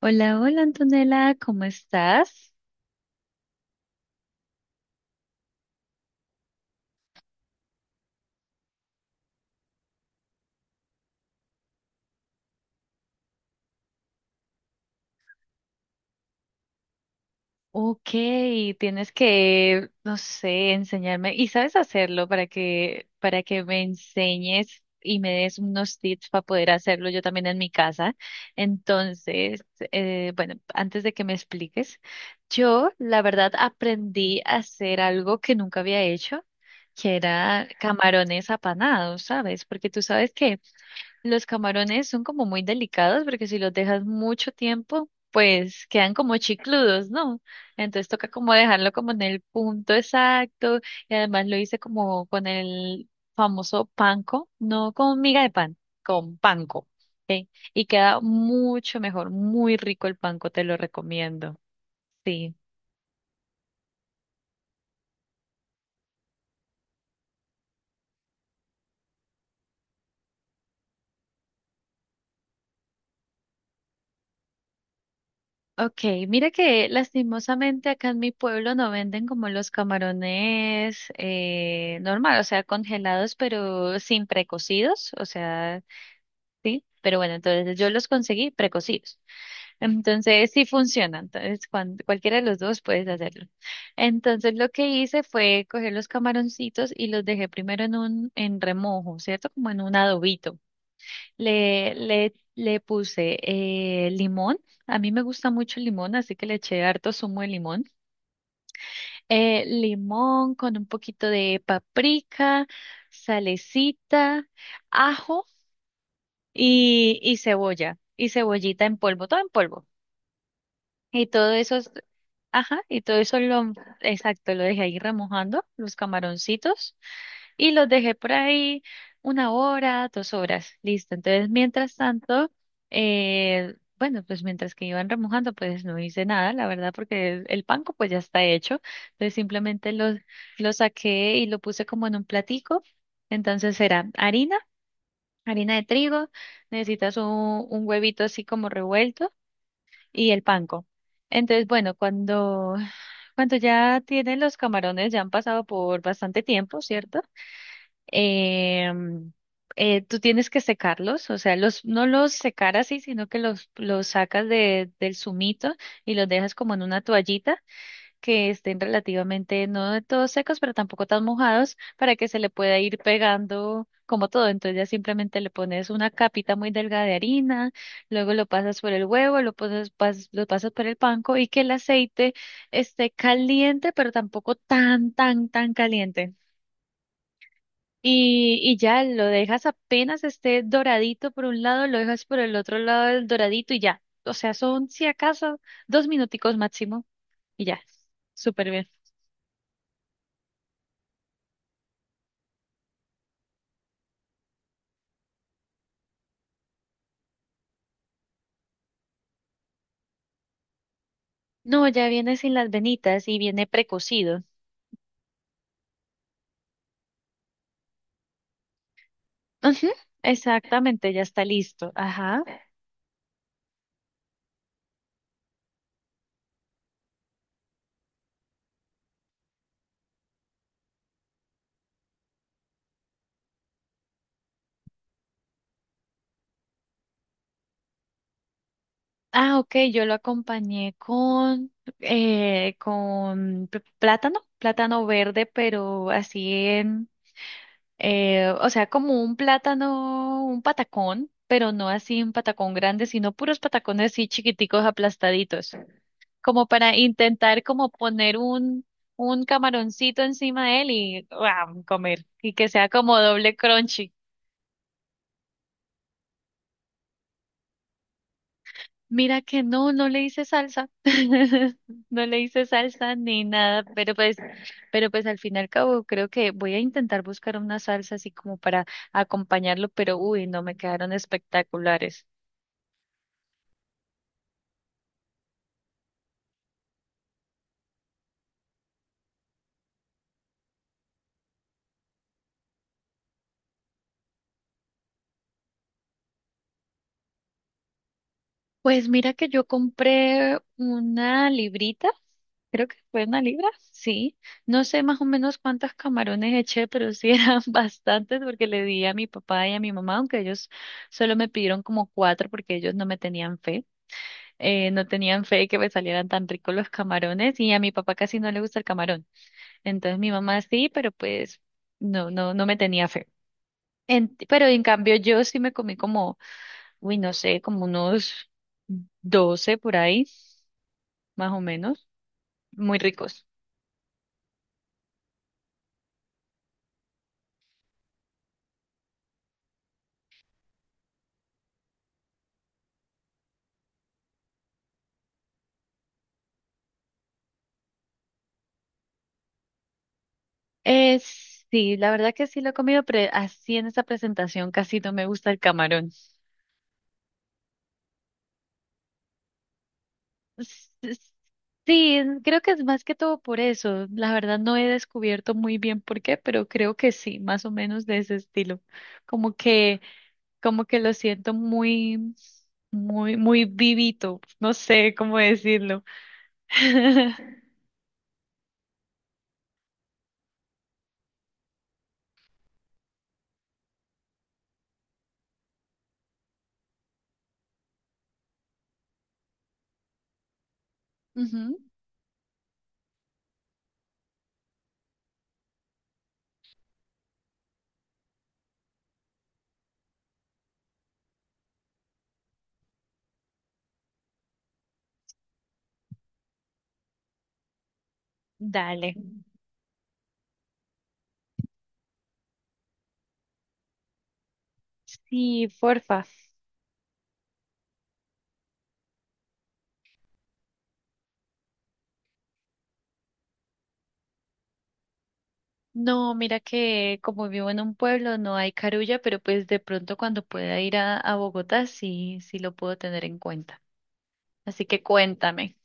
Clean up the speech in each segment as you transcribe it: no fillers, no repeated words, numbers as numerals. Hola, hola Antonella, ¿cómo estás? Ok, tienes que, no sé, enseñarme y sabes hacerlo para que me enseñes y me des unos tips para poder hacerlo yo también en mi casa. Entonces, bueno, antes de que me expliques, yo la verdad aprendí a hacer algo que nunca había hecho, que era camarones apanados, ¿sabes? Porque tú sabes que los camarones son como muy delicados porque si los dejas mucho tiempo, pues quedan como chicludos, ¿no? Entonces toca como dejarlo como en el punto exacto y además lo hice como con el famoso panko, no con miga de pan, con panko, ¿ok? Y queda mucho mejor, muy rico el panko, te lo recomiendo. Sí. Ok, mira que lastimosamente acá en mi pueblo no venden como los camarones normal, o sea, congelados pero sin precocidos, o sea, sí, pero bueno, entonces yo los conseguí precocidos. Entonces sí funciona, entonces cualquiera de los dos puedes hacerlo. Entonces lo que hice fue coger los camaroncitos y los dejé primero en remojo, ¿cierto? Como en un adobito. Le puse limón. A mí me gusta mucho el limón, así que le eché harto zumo de limón. Limón con un poquito de paprika, salecita, ajo y cebolla. Y cebollita en polvo, todo en polvo. Y todo eso, ajá, y todo eso lo, exacto, lo dejé ahí remojando, los camaroncitos. Y los dejé por ahí 1 hora, 2 horas, listo. Entonces, mientras tanto, bueno, pues mientras que iban remojando, pues no hice nada, la verdad, porque el panko pues ya está hecho. Entonces, simplemente lo saqué y lo puse como en un platico. Entonces, era harina, harina de trigo, necesitas un huevito así como revuelto y el panko. Entonces, bueno, cuando ya tienen los camarones, ya han pasado por bastante tiempo, ¿cierto? Em, Tú tienes que secarlos, o sea, los, no los secar así, sino que los sacas del zumito y los dejas como en una toallita que estén relativamente, no de todos secos, pero tampoco tan mojados, para que se le pueda ir pegando como todo. Entonces ya simplemente le pones una capita muy delgada de harina, luego lo pasas por el huevo, lo pasas por el panco y que el aceite esté caliente, pero tampoco tan, tan, tan caliente. Y ya lo dejas apenas esté doradito por un lado, lo dejas por el otro lado del doradito y ya. O sea, son si acaso 2 minuticos máximo y ya. Súper bien. No, ya viene sin las venitas y viene precocido. Ujú, exactamente, ya está listo. Ajá. Ah, ok, yo lo acompañé con plátano, plátano verde, pero así o sea, como un plátano, un patacón, pero no así un patacón grande, sino puros patacones así chiquiticos aplastaditos, como para intentar como poner un, camaroncito encima de él y ¡guau! Comer, y que sea como doble crunchy. Mira que no, no le hice salsa, no le hice salsa ni nada, pero pues, al fin y al cabo creo que voy a intentar buscar una salsa así como para acompañarlo, pero uy, no me quedaron espectaculares. Pues mira que yo compré una librita, creo que fue 1 libra, sí. No sé más o menos cuántos camarones eché, pero sí eran bastantes porque le di a mi papá y a mi mamá, aunque ellos solo me pidieron como cuatro porque ellos no me tenían fe. No tenían fe que me salieran tan ricos los camarones y a mi papá casi no le gusta el camarón. Entonces mi mamá sí, pero pues no, no, no me tenía fe. Pero en cambio yo sí me comí como, uy, no sé, como unos 12 por ahí, más o menos, muy ricos. Sí, la verdad que sí lo he comido, pero así en esa presentación casi no me gusta el camarón. S- s- Sí, creo que es más que todo por eso. La verdad no he descubierto muy bien por qué, pero creo que sí, más o menos de ese estilo. Como que, como que lo siento muy, muy, muy vivito. No sé cómo decirlo. Ujú, dale. Sí, porfa. No, mira que como vivo en un pueblo no hay Carulla, pero pues de pronto cuando pueda ir a Bogotá sí, sí lo puedo tener en cuenta. Así que cuéntame.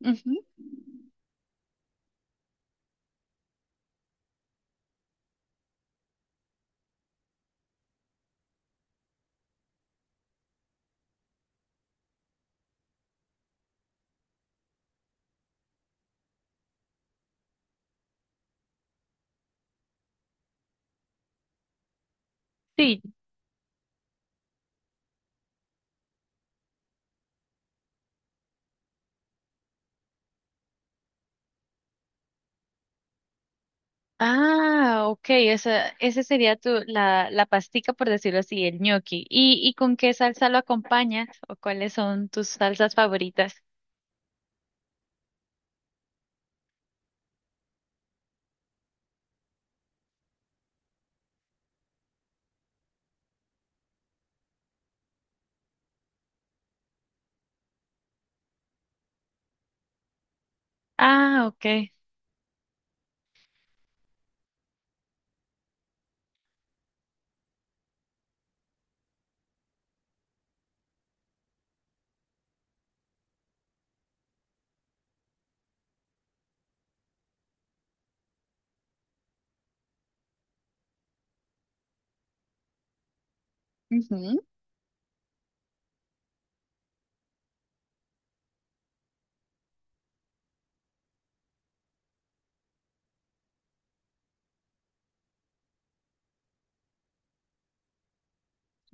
Ujú. Sí. Ah, ok, ese sería la pastica, por decirlo así, el ñoqui. ¿Y con qué salsa lo acompañas? ¿O cuáles son tus salsas favoritas? Ah, ok. Ujú.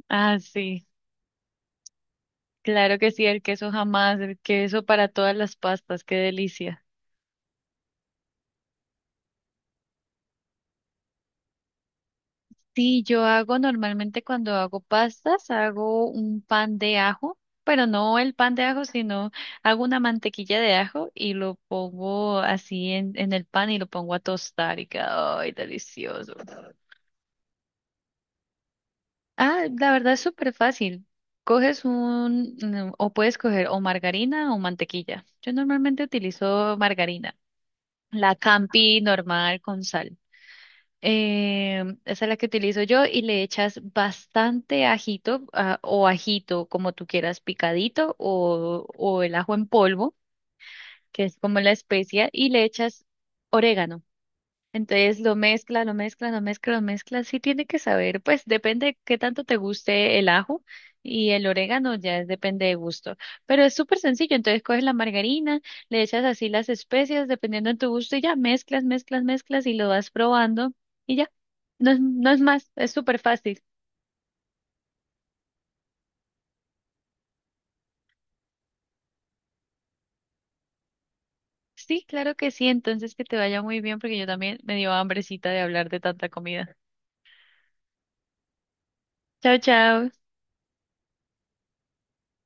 Ah, sí. Claro que sí, el queso jamás, el queso para todas las pastas, qué delicia. Sí, yo hago normalmente cuando hago pastas, hago un pan de ajo, pero no el pan de ajo, sino hago una mantequilla de ajo y lo pongo así en el pan y lo pongo a tostar y queda, ay, delicioso. Ah, la verdad es súper fácil. Coges un, o puedes coger o margarina o mantequilla. Yo normalmente utilizo margarina, la Campi normal con sal. Eh, esa es la que utilizo yo y le echas bastante ajito o ajito, como tú quieras, picadito o el ajo en polvo, que es como la especia, y le echas orégano. Entonces lo mezcla, lo mezcla, lo mezcla, lo mezcla. Sí tiene que saber, pues depende qué tanto te guste el ajo y el orégano, ya depende de gusto. Pero es súper sencillo, entonces coges la margarina, le echas así las especias, dependiendo de tu gusto, y ya mezclas, mezclas, mezclas y lo vas probando y ya. No es más, es súper fácil. Sí, claro que sí, entonces que te vaya muy bien porque yo también me dio hambrecita de hablar de tanta comida. Chao, chao.